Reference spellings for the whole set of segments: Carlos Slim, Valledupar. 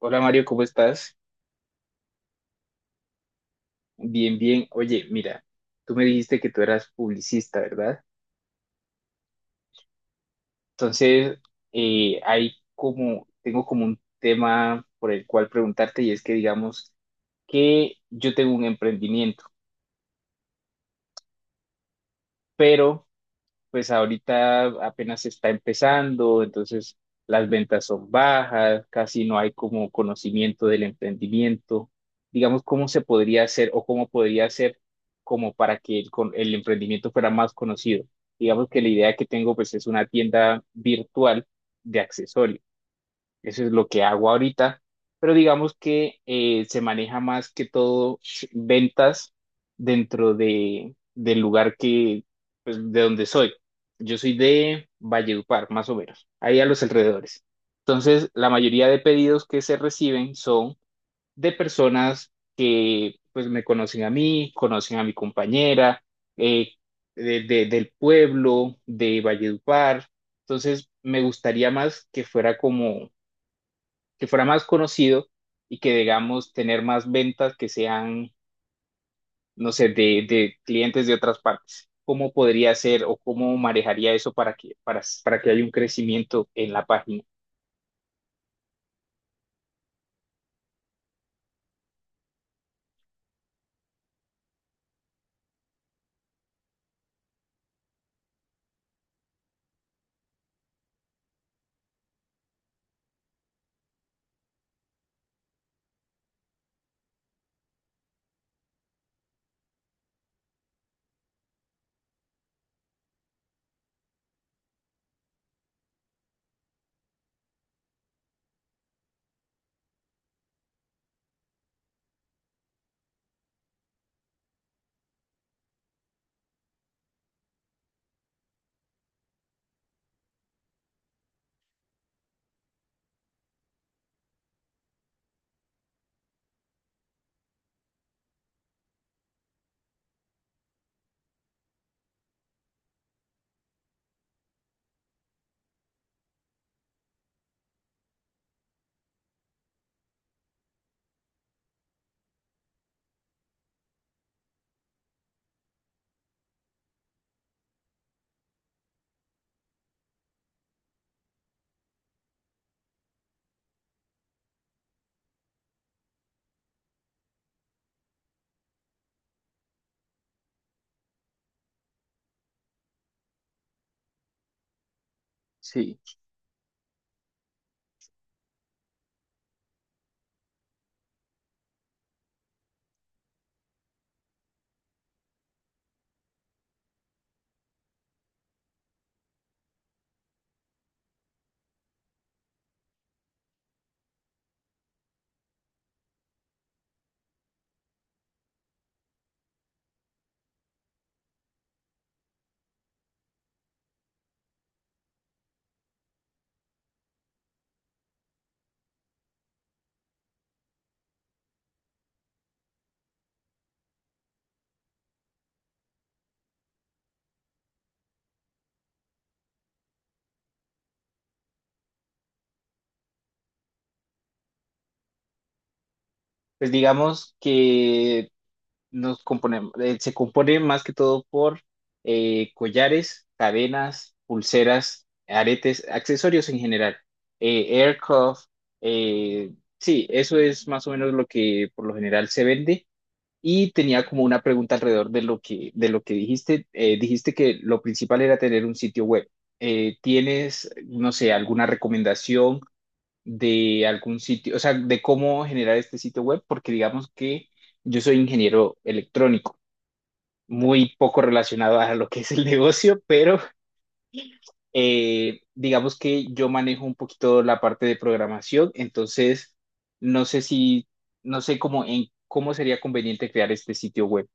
Hola Mario, ¿cómo estás? Bien, bien. Oye, mira, tú me dijiste que tú eras publicista, ¿verdad? Entonces, hay como, tengo como un tema por el cual preguntarte y es que digamos que yo tengo un emprendimiento, pero pues ahorita apenas está empezando, entonces las ventas son bajas, casi no hay como conocimiento del emprendimiento. Digamos, ¿cómo se podría hacer o cómo podría hacer como para que el, el emprendimiento fuera más conocido? Digamos que la idea que tengo pues es una tienda virtual de accesorios. Eso es lo que hago ahorita, pero digamos que se maneja más que todo ventas dentro de, del lugar que, pues, de donde soy. Yo soy de Valledupar, más o menos, ahí a los alrededores. Entonces, la mayoría de pedidos que se reciben son de personas que, pues, me conocen a mí, conocen a mi compañera, eh, del pueblo, de Valledupar. Entonces, me gustaría más que fuera como que fuera más conocido y que, digamos, tener más ventas que sean, no sé, de clientes de otras partes. ¿Cómo podría ser o cómo manejaría eso para que, para que haya un crecimiento en la página? Sí, pues digamos que nos componemos, se compone más que todo por collares, cadenas, pulseras, aretes, accesorios en general, aircraft, eh, sí, eso es más o menos lo que por lo general se vende. Y tenía como una pregunta alrededor de lo que dijiste. Dijiste que lo principal era tener un sitio web. ¿Tienes, no sé, alguna recomendación de algún sitio, o sea, de cómo generar este sitio web? Porque digamos que yo soy ingeniero electrónico, muy poco relacionado a lo que es el negocio, pero digamos que yo manejo un poquito la parte de programación, entonces no sé si, no sé cómo, cómo sería conveniente crear este sitio web.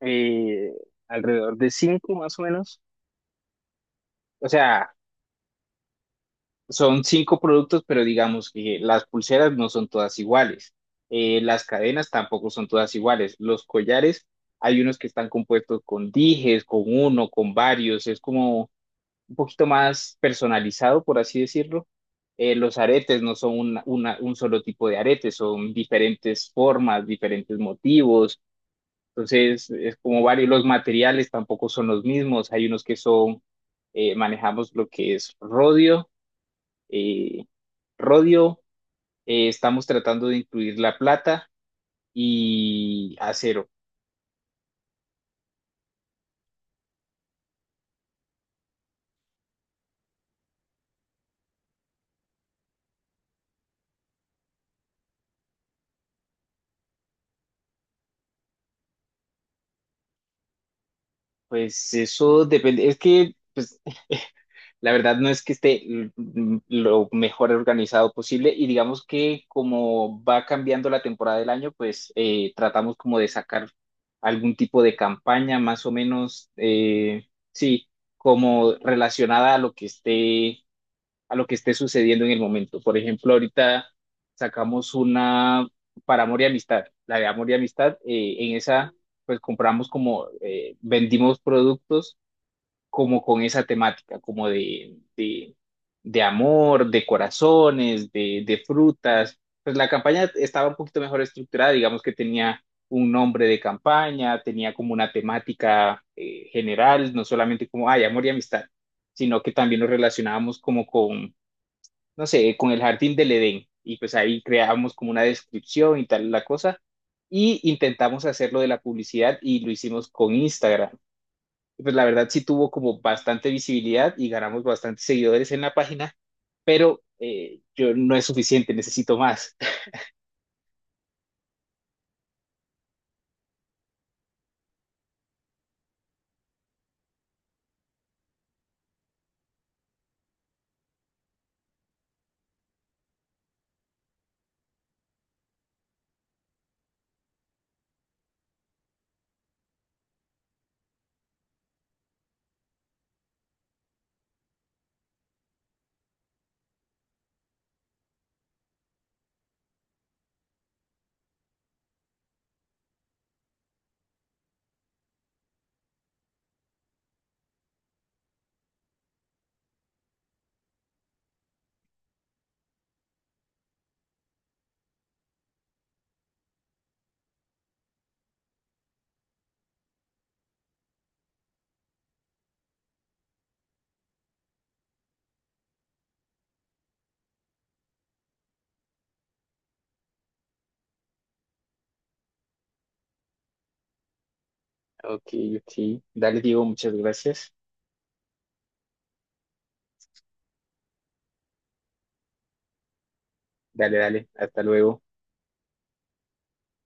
Eh, alrededor de cinco más o menos. O sea, son cinco productos, pero digamos que las pulseras no son todas iguales. Las cadenas tampoco son todas iguales. Los collares, hay unos que están compuestos con dijes, con uno, con varios. Es como un poquito más personalizado, por así decirlo. Los aretes no son un solo tipo de aretes, son diferentes formas, diferentes motivos. Entonces, es como varios, los materiales tampoco son los mismos. Hay unos que son, manejamos lo que es rodio, eh, rodio, estamos tratando de incluir la plata y acero. Pues eso depende, es que pues, la verdad no es que esté lo mejor organizado posible y digamos que como va cambiando la temporada del año, pues tratamos como de sacar algún tipo de campaña más o menos, sí, como relacionada a lo que esté, a lo que esté sucediendo en el momento. Por ejemplo, ahorita sacamos una para amor y amistad, la de amor y amistad, en esa pues compramos como, vendimos productos como con esa temática, como de amor, de corazones, de frutas. Pues la campaña estaba un poquito mejor estructurada, digamos que tenía un nombre de campaña, tenía como una temática general, no solamente como, ay, amor y amistad, sino que también nos relacionábamos como con, no sé, con el jardín del Edén. Y pues ahí creábamos como una descripción y tal la cosa. Y intentamos hacerlo de la publicidad y lo hicimos con Instagram. Pues la verdad sí tuvo como bastante visibilidad y ganamos bastantes seguidores en la página, pero yo no es suficiente, necesito más. Ok, ok. Dale, Diego, muchas gracias. Dale, dale, hasta luego.